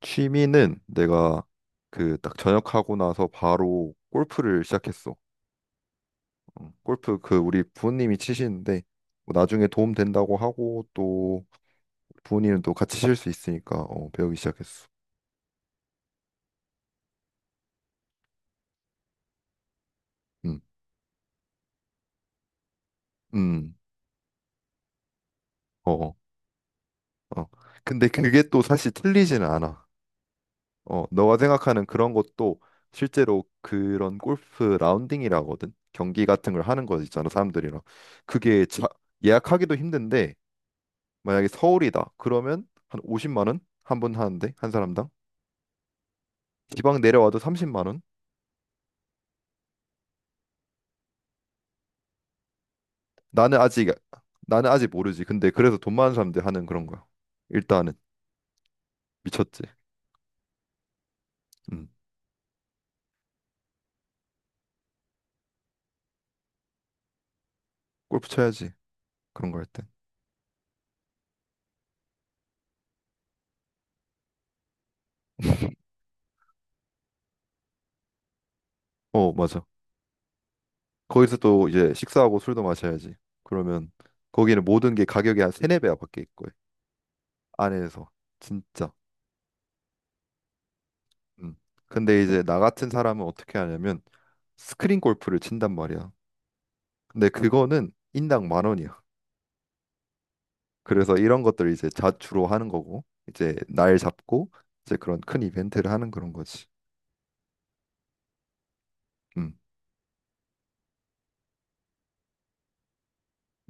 취미는 내가 그 딱 전역하고 나서 바로 골프를 시작했어. 골프 그 우리 부모님이 치시는데 뭐 나중에 도움 된다고 하고 또 부모님은 또 같이 칠 수 있으니까 배우기 시작했어. 음, 음, 어, 어. 어. 근데 그게 또 사실 틀리지는 않아. 너가 생각하는 그런 것도 실제로 그런 골프 라운딩이라거든. 경기 같은 걸 하는 거 있잖아, 사람들이랑. 그게 예약하기도 힘든데 만약에 서울이다. 그러면 한 50만 원 한 분 하는데 한 사람당. 지방 내려와도 30만 원. 나는 아직 나는 아직 모르지. 근데 그래서 돈 많은 사람들 하는 그런 거야. 일단은 미쳤지. 음. 골프 쳐야지. 그런 거 할 때. 어, 맞아. 거기서 또 이제 식사하고 술도 마셔야지. 그러면 거기는 모든 게 가격이 한 세네 배야 밖에 있고 안에서 진짜. 음. 근데 이제 나 같은 사람은 어떻게 하냐면 스크린 골프를 친단 말이야. 근데 그거는 인당 만 원이야. 그래서 이런 것들 이제 자주로 하는 거고 이제 날 잡고 이제 그런 큰 이벤트를 하는 그런 거지. 음,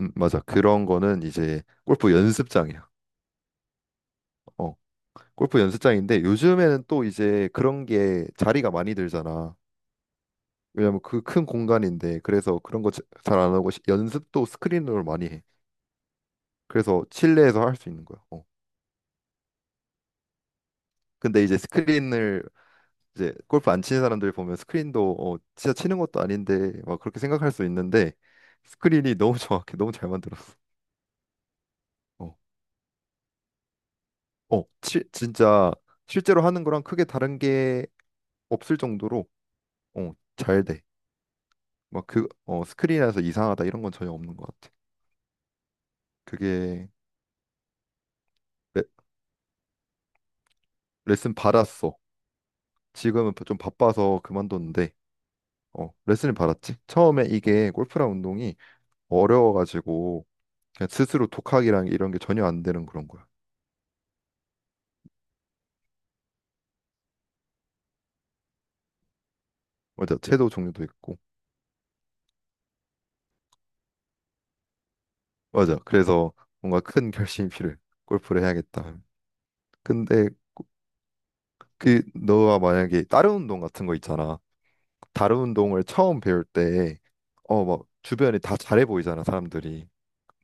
맞아. 그런 거는 이제 골프 연습장이야. 어, 골프 연습장인데 요즘에는 또 이제 그런 게 자리가 많이 들잖아. 왜냐면 그 큰 공간인데 그래서 그런 거 잘 안 하고 연습도 스크린으로 많이 해. 그래서 실내에서 할 수 있는 거야. 어. 근데 이제 스크린을 이제 골프 안 치는 사람들 보면 스크린도 진짜 치는 것도 아닌데 막 그렇게 생각할 수 있는데 스크린이 너무 정확해, 너무 잘 만들었어. 어, 어, 진짜 실제로 하는 거랑 크게 다른 게 없을 정도로 잘 돼. 막 그 스크린에서 이상하다 이런 건 전혀 없는 것 같아. 그게 레, 레슨 받았어. 지금은 좀 바빠서 그만뒀는데 레슨을 받았지. 처음에 이게 골프랑 운동이 어려워가지고 그냥 스스로 독학이랑 이런 게 전혀 안 되는 그런 거야. 맞아. 채도 종류도 있고. 맞아. 그래서 뭔가 큰 결심이 필요해. 골프를 해야겠다. 하면. 근데 그 너가 만약에 다른 운동 같은 거 있잖아. 다른 운동을 처음 배울 때 막 주변에 다 잘해 보이잖아, 사람들이.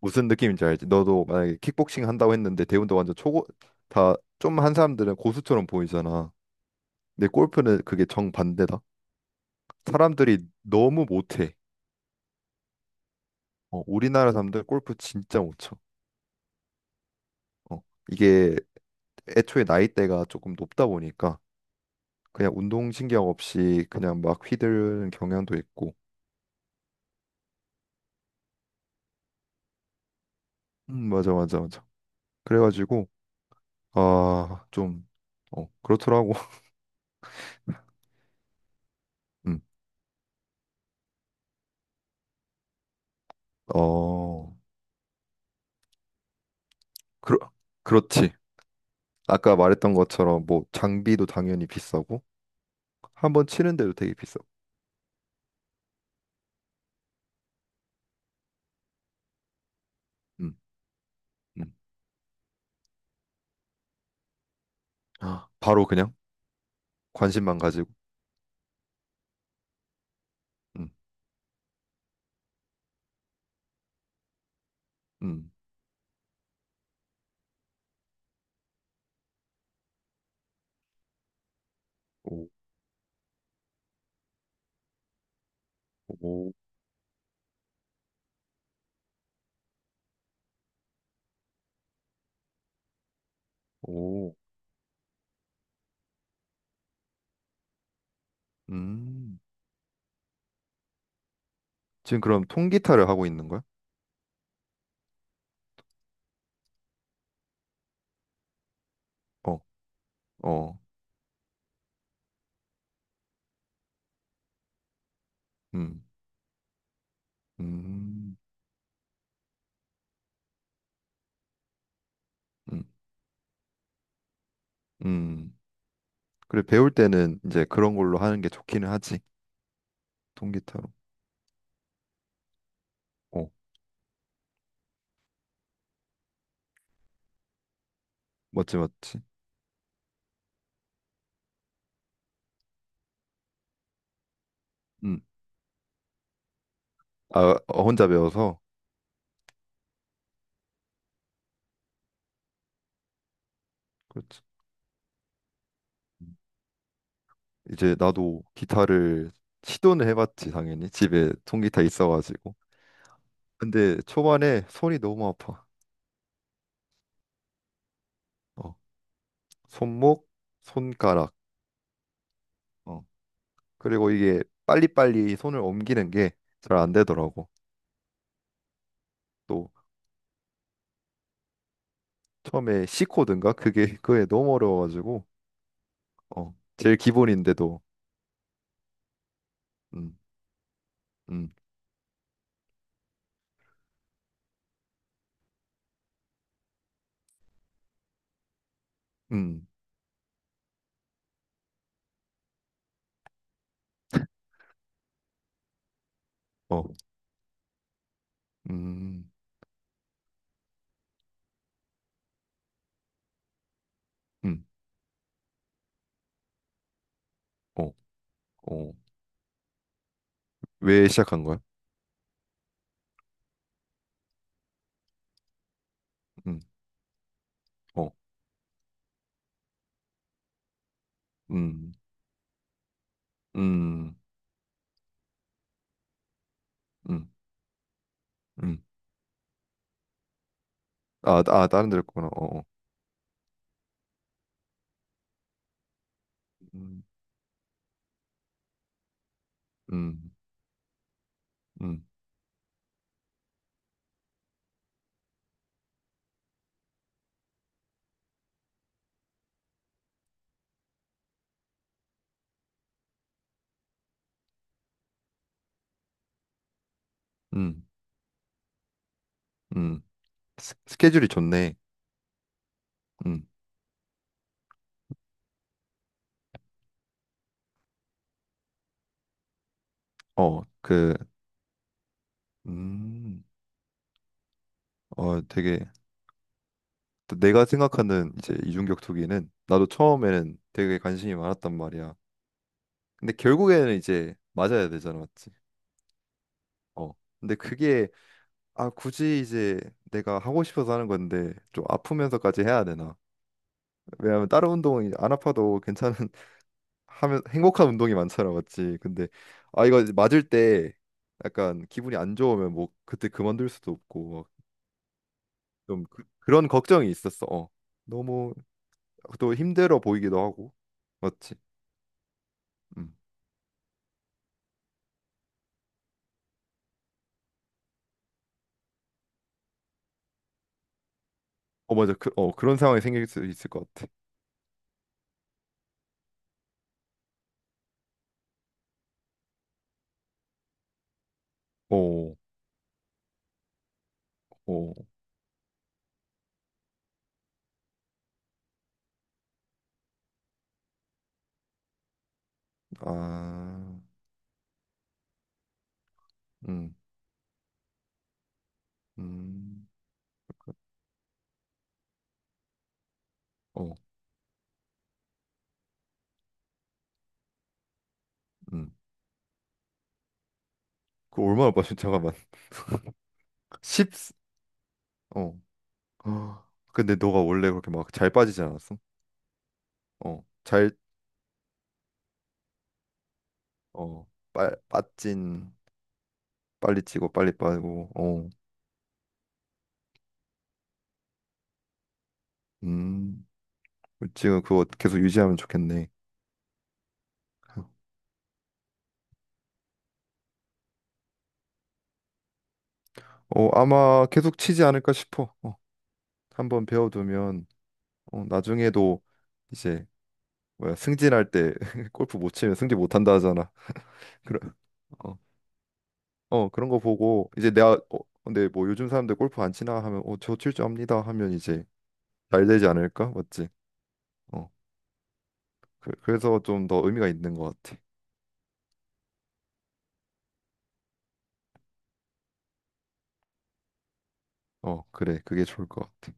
무슨 느낌인지 알지? 너도 만약에 킥복싱 한다고 했는데 대운도 완전 초보 다 좀 한 사람들은 고수처럼 보이잖아. 근데 골프는 그게 정반대다. 사람들이 너무 못해. 우리나라 사람들 골프 진짜 못 쳐. 어, 이게 애초에 나이대가 조금 높다 보니까 그냥 운동신경 없이 그냥 막 휘두르는 경향도 있고 맞아 맞아 맞아 그래가지고 아좀 그렇더라고 음, 어, 그렇, 그렇지. 아까 말했던 것처럼 뭐 장비도 당연히 비싸고 한번 치는데도 되게 비싸. 음, 음. 아, 바로 그냥 관심만 가지고. 음, 음. 오, 오, 오. 음. 지금 그럼 통기타를 하고 있는 거야? 어, 어. 음. 음, 음, 음. 그래, 배울 때는 이제 그런 걸로 하는 게 좋기는 하지. 통기타로. 어, 멋지 멋지 음, 아, 혼자 배워서. 그렇지. 음. 이제 나도 기타를 시도는 해봤지, 당연히. 집에 통기타 있어가지고. 근데 초반에 손이 너무 아파. 어, 손목, 손가락. 어, 그리고 이게 빨리빨리 손을 옮기는 게 잘 안 되더라고. 또 처음에 C 코드인가? 그게 너무 어려워가지고. 제일 기본인데도. 음, 음, 음, 어, 음, 음, 어, 어. 왜 시작한 거야? 음, 어, 음, 음, 음, 음. 아, 아, 다른 데를 구나 어, 어. 음, 음, 음, 음, 음. 스케줄이 좋네. 음, 어, 그, 음, 되게 또 내가 생각하는 이제 이중격투기는 나도 처음에는 되게 관심이 많았단 말이야. 근데 결국에는 이제 맞아야 되잖아, 맞지? 어. 근데 그게 아, 굳이 이제 내가 하고 싶어서 하는 건데 좀 아프면서까지 해야 되나? 왜냐면 다른 운동은 안 아파도 괜찮은 하면 행복한 운동이 많잖아, 맞지? 근데 아 이거 이제 맞을 때 약간 기분이 안 좋으면 뭐 그때 그만둘 수도 없고 막좀 그런 걱정이 있었어. 어. 너무 또 힘들어 보이기도 하고, 맞지? 음. 어 맞아, 그런 상황이 생길 수 있을 것 같아. 어, 어, 아, 음, 음, 어, 음. 그 얼마나 빠진 잠깐만. 10 어. 근데 너가 원래 그렇게 막 잘 빠지지 않았어? 어. 어. 빠진. 빨리 찌고, 빨리 빠지고, 어. 음. 지금 그거 계속 유지하면 좋겠네. 어, 아마 계속 치지 않을까 싶어. 어. 한번 배워두면, 나중에도 이제, 뭐야, 승진할 때 골프 못 치면 승진 못 한다 하잖아. 그런, 어, 그런 거 보고, 이제 내가, 근데 뭐 요즘 사람들 골프 안 치나 하면, 저 칠 줄 압니다 하면 이제 잘 되지 않을까? 맞지? 어. 그, 래서 좀 더 의미가 있는 것 같아. 그래. 그게 좋을 것 같아.